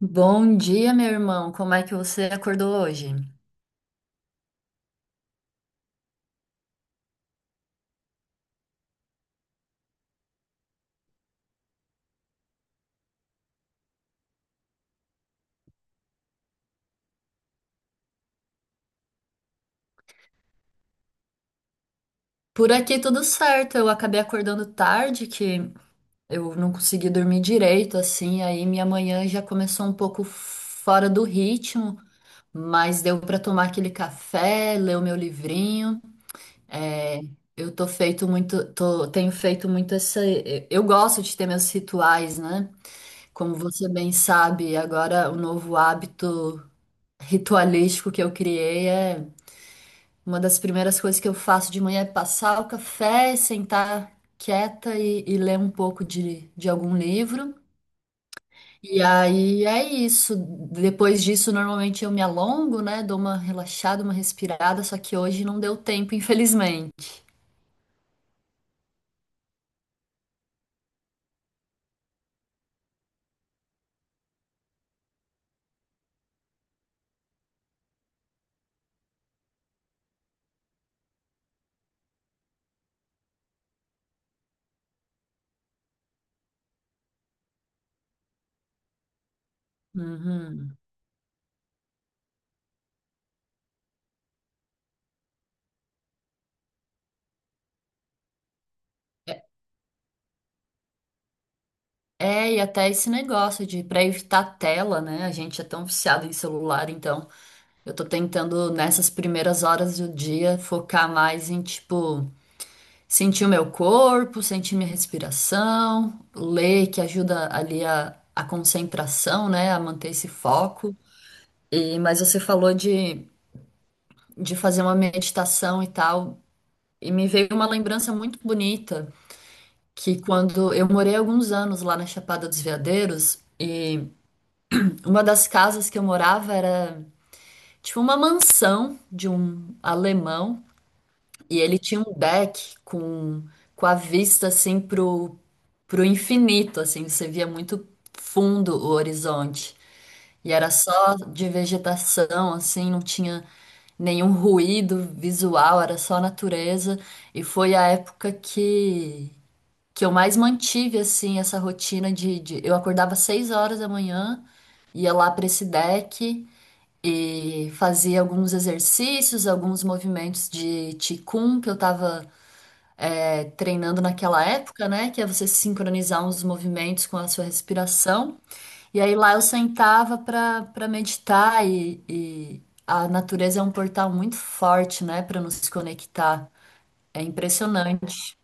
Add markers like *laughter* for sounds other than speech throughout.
Bom dia, meu irmão. Como é que você acordou hoje? Por aqui tudo certo. Eu acabei acordando tarde, que eu não consegui dormir direito, assim. Aí minha manhã já começou um pouco fora do ritmo, mas deu para tomar aquele café, ler o meu livrinho. É, eu tô feito muito, tenho feito muito essa. Eu gosto de ter meus rituais, né? Como você bem sabe, agora o novo hábito ritualístico que eu criei é uma das primeiras coisas que eu faço de manhã é passar o café, sentar quieta e ler um pouco de algum livro. E aí é isso. Depois disso, normalmente eu me alongo, né? Dou uma relaxada, uma respirada, só que hoje não deu tempo, *laughs* infelizmente. Uhum. É, é, e até esse negócio de para evitar tela, né? A gente é tão viciado em celular, então eu tô tentando nessas primeiras horas do dia focar mais em tipo sentir o meu corpo, sentir minha respiração, ler que ajuda ali a concentração, né, a manter esse foco. E, mas você falou de fazer uma meditação e tal, e me veio uma lembrança muito bonita que quando eu morei alguns anos lá na Chapada dos Veadeiros, e uma das casas que eu morava era tipo uma mansão de um alemão. E ele tinha um deck com a vista assim pro infinito, assim, você via muito fundo o horizonte. E era só de vegetação, assim, não tinha nenhum ruído visual, era só natureza. E foi a época que eu mais mantive, assim, essa rotina de. Eu acordava às 6 horas da manhã, ia lá para esse deck e fazia alguns exercícios, alguns movimentos de qigong que eu tava, é, treinando naquela época, né? Que é você sincronizar uns movimentos com a sua respiração. E aí lá eu sentava para meditar e a natureza é um portal muito forte, né? Para nos conectar. É impressionante.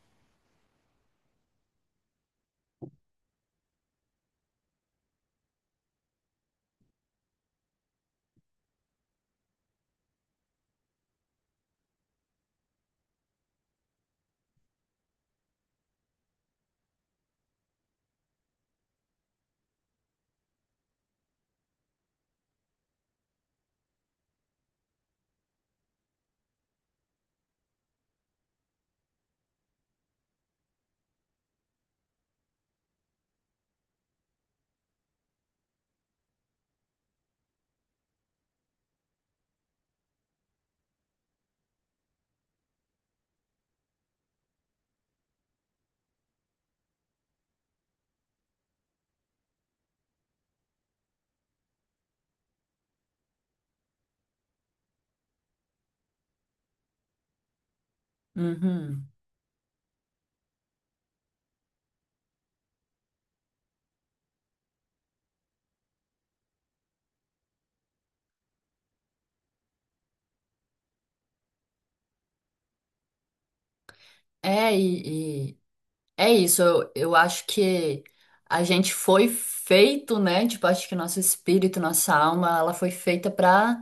Uhum. É, e é isso. Eu acho que a gente foi feito, né? Tipo, acho que nosso espírito, nossa alma, ela foi feita para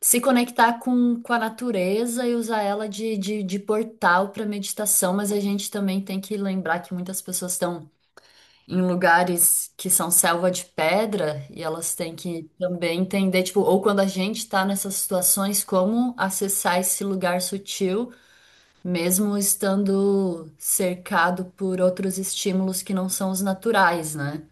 se conectar com a natureza e usar ela de portal para meditação, mas a gente também tem que lembrar que muitas pessoas estão em lugares que são selva de pedra e elas têm que também entender, tipo, ou quando a gente está nessas situações, como acessar esse lugar sutil, mesmo estando cercado por outros estímulos que não são os naturais, né?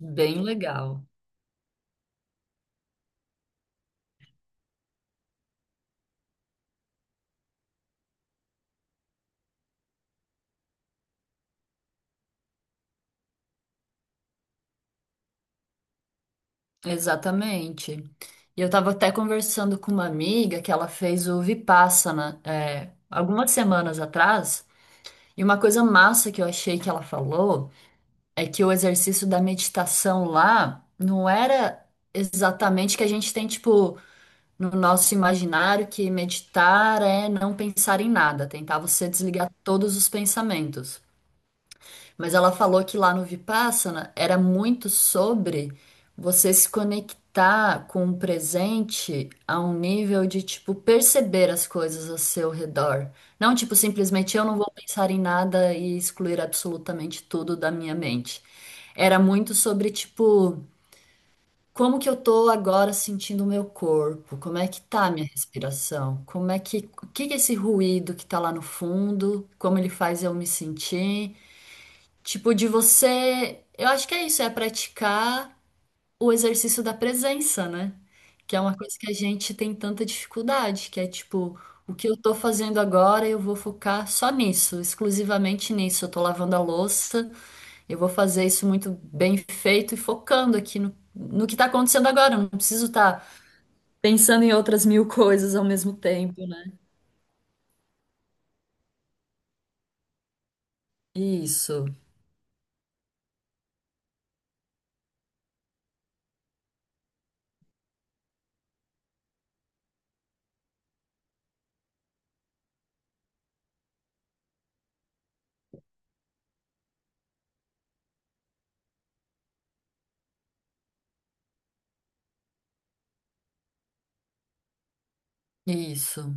Bem legal. Exatamente. E eu estava até conversando com uma amiga que ela fez o Vipassana, é, algumas semanas atrás, e uma coisa massa que eu achei que ela falou é que o exercício da meditação lá não era exatamente que a gente tem, tipo, no nosso imaginário que meditar é não pensar em nada, tentar você desligar todos os pensamentos. Mas ela falou que lá no Vipassana era muito sobre você se conectar com o presente a um nível de, tipo, perceber as coisas ao seu redor. Não, tipo, simplesmente eu não vou pensar em nada e excluir absolutamente tudo da minha mente. Era muito sobre, tipo, como que eu tô agora sentindo o meu corpo? Como é que tá a minha respiração? Como é que, o que que é esse ruído que tá lá no fundo? Como ele faz eu me sentir? Tipo, de você. Eu acho que é isso, é praticar o exercício da presença, né? Que é uma coisa que a gente tem tanta dificuldade, que é tipo, o que eu tô fazendo agora, eu vou focar só nisso, exclusivamente nisso. Eu tô lavando a louça, eu vou fazer isso muito bem feito e focando aqui no, no que tá acontecendo agora. Eu não preciso estar pensando em outras mil coisas ao mesmo tempo, né? Isso, isso.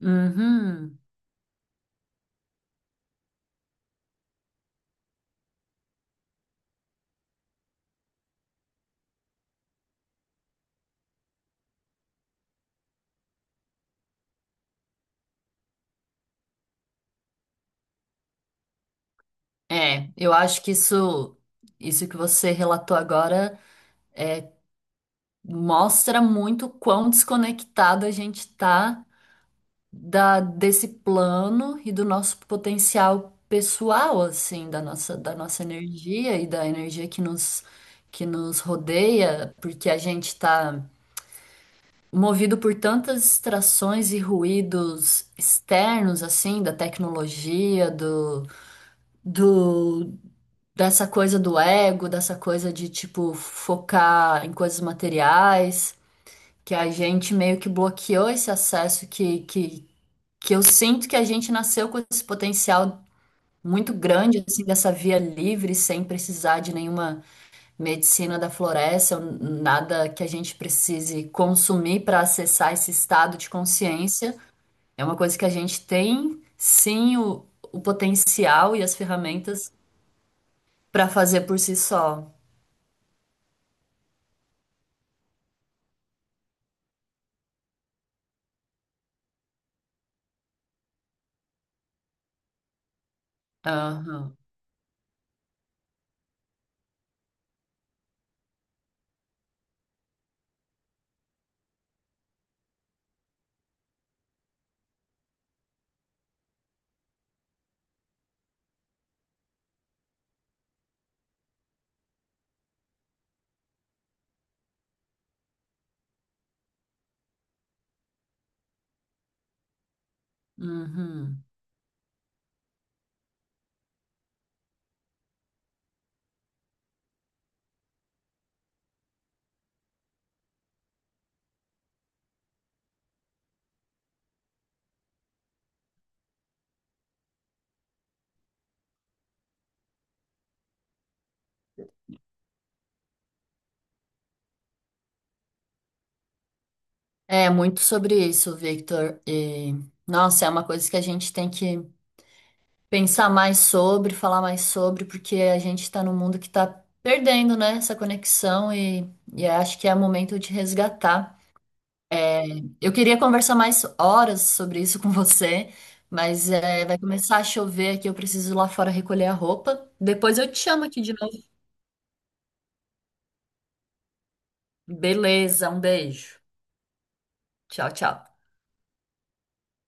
Uhum. É, eu acho que isso que você relatou agora mostra muito o quão desconectado a gente tá desse plano e do nosso potencial pessoal, assim, da nossa energia e da energia que nos rodeia, porque a gente tá movido por tantas distrações e ruídos externos, assim, da tecnologia, do dessa coisa do ego, dessa coisa de tipo focar em coisas materiais, que a gente meio que bloqueou esse acesso que eu sinto que a gente nasceu com esse potencial muito grande assim dessa via livre sem precisar de nenhuma medicina da floresta, ou nada que a gente precise consumir para acessar esse estado de consciência. É uma coisa que a gente tem sim o potencial e as ferramentas para fazer por si só. Aham. Uhum. É muito sobre isso, Victor. E, nossa, é uma coisa que a gente tem que pensar mais sobre, falar mais sobre, porque a gente está num mundo que está perdendo, né, essa conexão e acho que é momento de resgatar. Eu queria conversar mais horas sobre isso *laughs* com você, mas é, vai começar a chover aqui, eu preciso ir lá fora recolher a roupa. Depois eu te chamo aqui de novo. Beleza, um beijo. Tchau, tchau.